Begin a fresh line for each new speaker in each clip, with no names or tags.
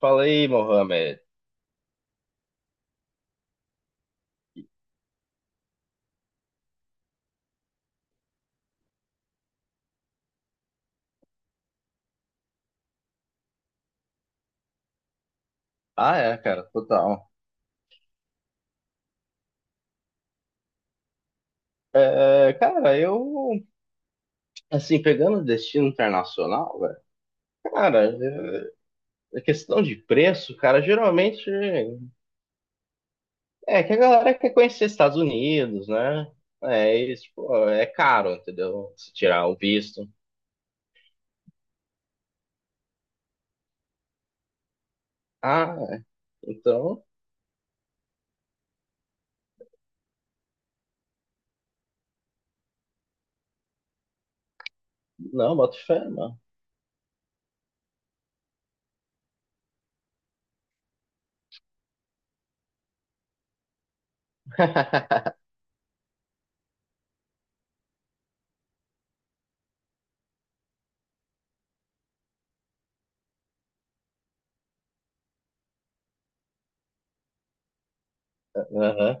Falei, aí, Mohamed. Ah, é, cara, total. É, cara, assim, pegando o destino internacional, velho, cara, é, a questão de preço, cara, geralmente é que a galera quer conhecer Estados Unidos, né? É, isso, pô, é caro, entendeu? Se tirar o visto. Ah, é. Então, não, boto fé, não. Aham,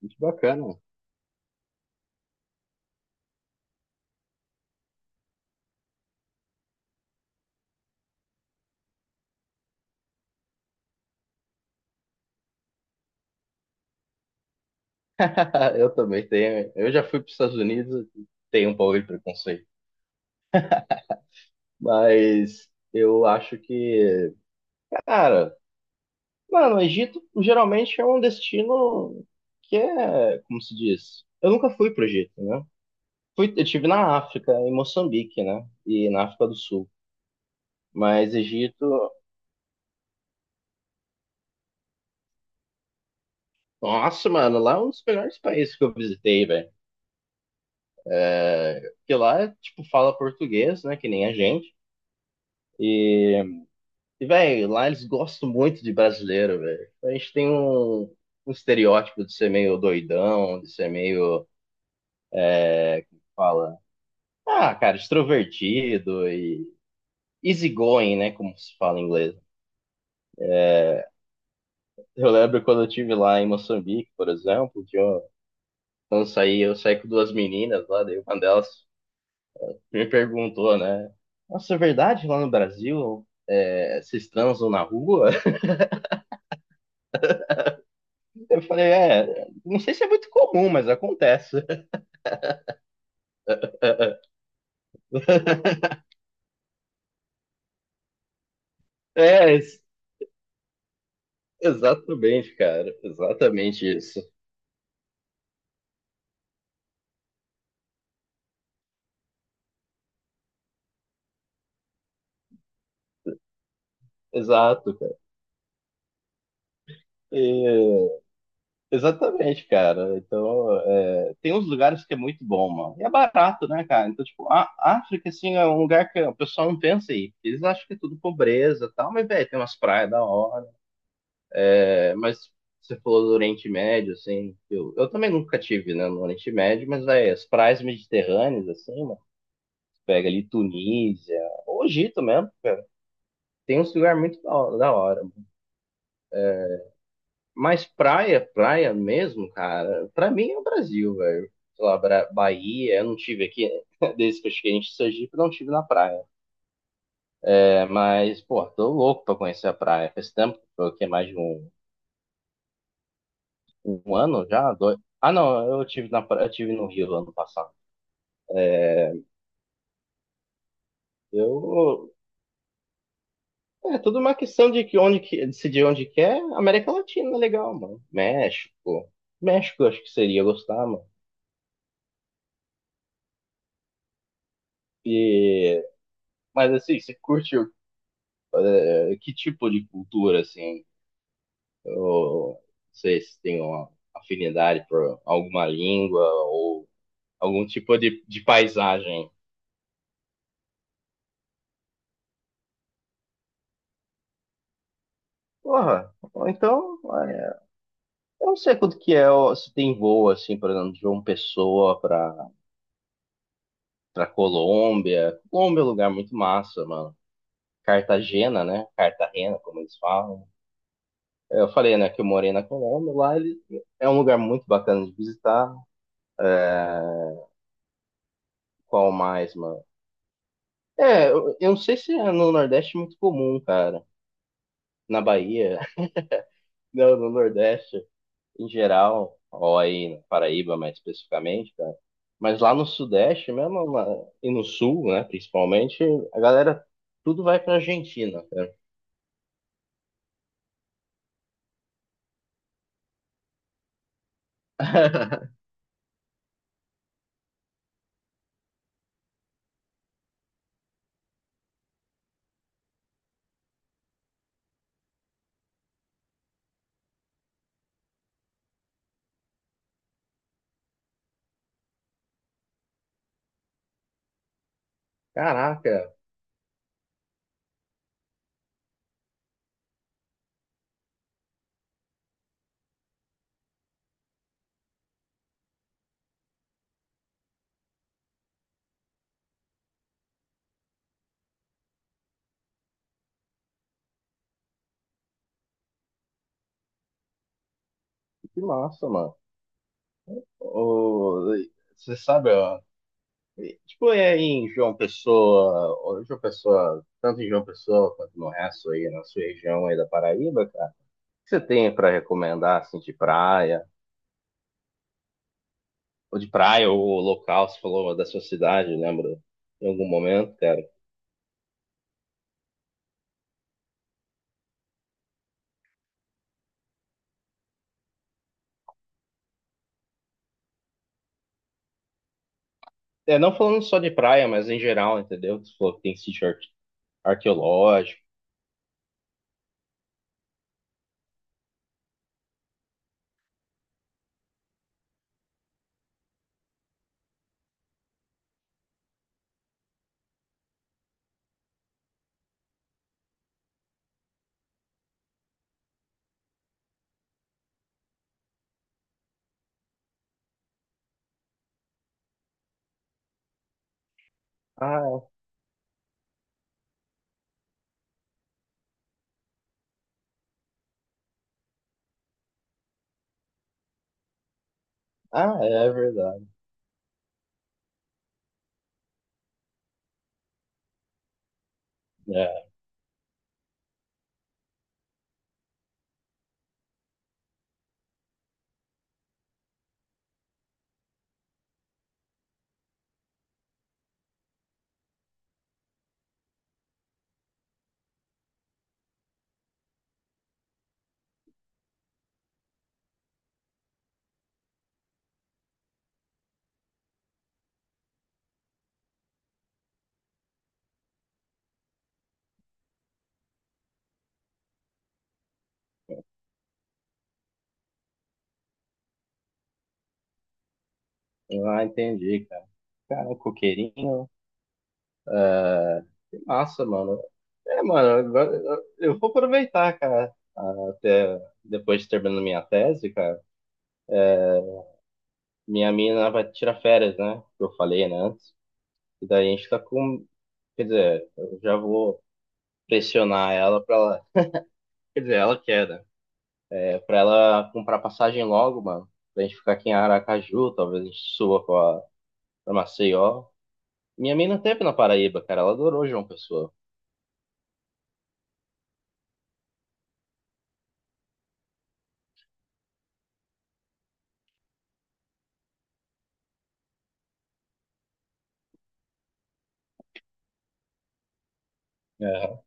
muito bacana. Eu também tenho. Eu já fui para os Estados Unidos, e tenho um pouco de preconceito. Mas eu acho que, cara, mano, o Egito geralmente é um destino que é, como se diz? Eu nunca fui pro Egito, né? Fui, eu tive na África, em Moçambique, né? E na África do Sul. Mas Egito, nossa, mano, lá é um dos melhores países que eu visitei, velho. Porque lá, tipo, fala português, né? Que nem a gente. E, e velho, lá eles gostam muito de brasileiro, velho. A gente tem um, um estereótipo de ser meio doidão, de ser meio é, como fala? Ah, cara, extrovertido e easygoing, né? Como se fala em inglês. Eu lembro quando eu tive lá em Moçambique, por exemplo, quando eu saí com duas meninas lá, daí uma delas me perguntou, né? Nossa, é verdade lá no Brasil é, vocês transam na rua? Eu falei, é, não sei se é muito comum, mas acontece. É, ex- Exatamente, cara. Exatamente isso. Exato, cara. E exatamente, cara. Então, é, tem uns lugares que é muito bom, mano. E é barato, né, cara? Então, tipo, a África, assim, é um lugar que o pessoal não pensa aí. Eles acham que é tudo pobreza e tal, mas, velho, tem umas praias da hora. É, mas você falou do Oriente Médio, assim, eu também nunca tive, né, no Oriente Médio, mas, velho, as praias mediterrâneas, assim, mano, pega ali Tunísia, ou Egito mesmo, tem uns lugares muito da hora, da hora. Mas praia, praia mesmo, cara, pra mim é o Brasil, velho. Sei lá, Bahia, eu não tive aqui, desde que eu cheguei em Sergipe, eu não tive na praia. É, mas, pô, tô louco pra conhecer a praia. Faz tempo, foi o quê? Mais de um, um ano já? Dois... Ah, não, eu tive na praia, eu tive no Rio ano passado. Eu. É tudo uma questão de que onde que, decidir onde quer, América Latina é legal, mano. México. México eu acho que seria gostar, mano. E, mas assim, que tipo de cultura, assim? Ou vocês têm uma afinidade por alguma língua ou algum tipo de paisagem. Porra, ou então, é, eu não sei quanto que é, ó, se tem voo, assim, por exemplo, de João Pessoa pra, pra Colômbia. Colômbia é um lugar muito massa, mano. Cartagena, né? Cartagena, como eles falam. Eu falei, né, que eu morei na Colômbia, lá ele é um lugar muito bacana de visitar. É, qual mais, mano? É, eu não sei se é no Nordeste é muito comum, cara. Na Bahia, no Nordeste em geral, ou aí na Paraíba mais especificamente, cara. Mas lá no Sudeste mesmo, e no Sul, né, principalmente, a galera tudo vai pra Argentina, cara. Caraca, que massa, mano. O- Você sabe, ó, tipo, é em João Pessoa, ó, João Pessoa, tanto em João Pessoa quanto no resto aí, na sua região aí da Paraíba, cara. O que você tem pra recomendar, assim, de praia? Ou de praia, ou local, você falou da sua cidade, lembra? Em algum momento, cara. É, não falando só de praia, mas em geral, entendeu? Você falou que tem arqueológico. Ah, ah, é é verdade. É. Ah, entendi, cara. Cara, um coqueirinho, que massa, mano. É, mano, agora eu vou aproveitar, cara, até depois de terminar minha tese, cara. Minha mina vai tirar férias, né? Que eu falei, né, antes. E daí a gente tá com. Quer dizer, eu já vou pressionar ela pra ela quer dizer, ela quer, né? É pra ela comprar passagem logo, mano. Pra gente ficar aqui em Aracaju, talvez a gente suba pra, pra Maceió. Minha mina teve na Paraíba, cara. Ela adorou João Pessoa. É.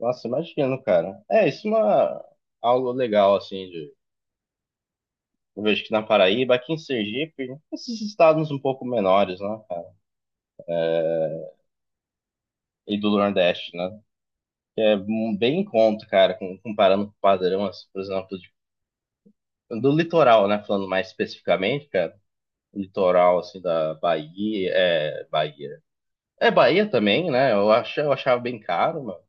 Nossa, imagino, cara. É, isso é uma... algo legal, assim, de... Eu vejo que na Paraíba, aqui em Sergipe, esses estados um pouco menores, né, cara? E do Nordeste, né? Que é um, bem em conta, cara, comparando com o padrão, assim, por exemplo, do litoral, né? Falando mais especificamente, cara. Litoral assim da Bahia, é Bahia. É Bahia também, né? Eu acho, eu achava bem caro, mano.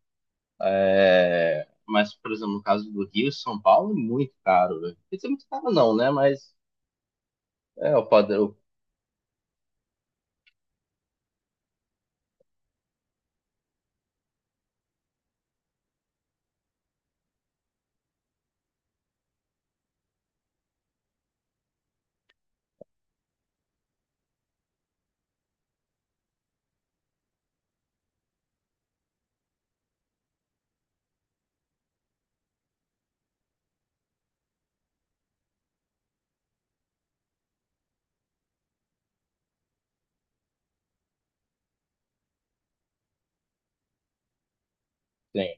É, mas por exemplo, no caso do Rio e São Paulo é muito caro, velho. Quer dizer, muito caro não, né? Mas é o padrão tem.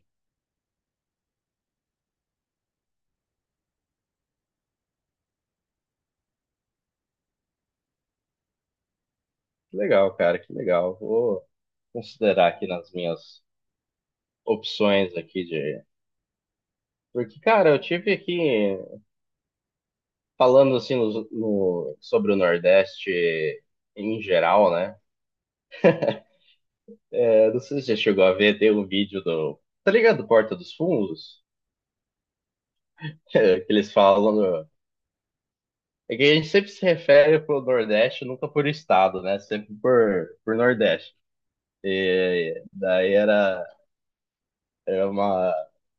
Que legal, cara, que legal. Vou considerar aqui nas minhas opções aqui de porque, cara, eu tive aqui falando assim sobre o Nordeste em geral, né? É, não sei se você chegou a ver, tem um vídeo do. Tá ligado? Porta dos Fundos? Que eles falam. É que a gente sempre se refere pro Nordeste, nunca por estado, né? Sempre por Nordeste. E daí era, era uma.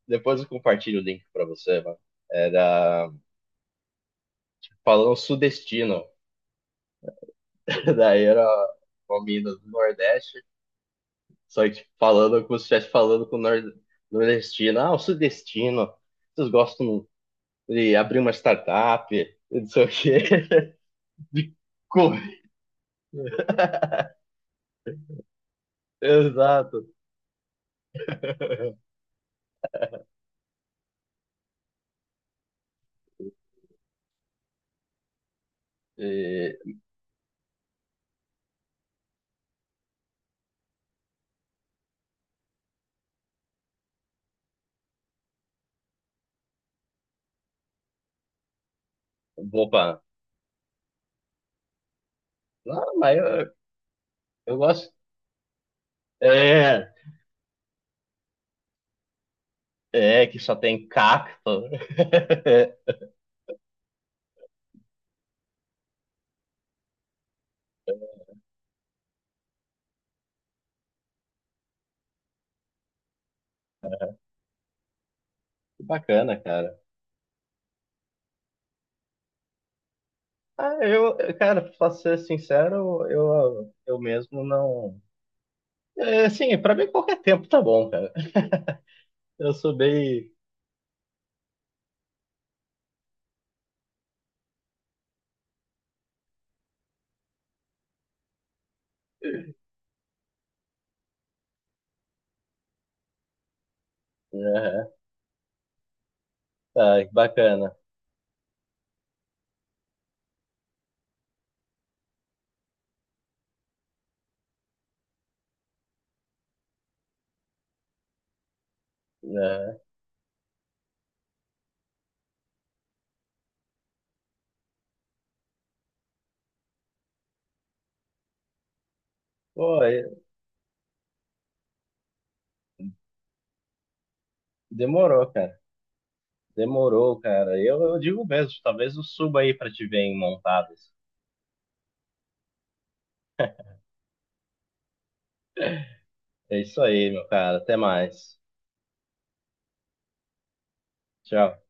Depois eu compartilho o link pra você, mano. Era falando sudestino. Daí era uma mina do Nordeste, só que tipo, falando como se estivesse falando com o nordestino. Ah, o sudestino. Vocês gostam de abrir uma startup, e não sei o quê. De co- Exato. E, opa, não, mas eu gosto. É, é, que só tem cacto. Que bacana, cara. Ah, eu, cara, pra ser sincero, eu mesmo não. É, assim, pra mim qualquer tempo tá bom, cara. Eu sou bem. Aham, tá, que bacana. Aham. Pô, é, demorou, cara. Demorou, cara. Eu digo mesmo, talvez eu suba aí pra te ver em montadas. É isso aí, meu cara. Até mais. Tchau.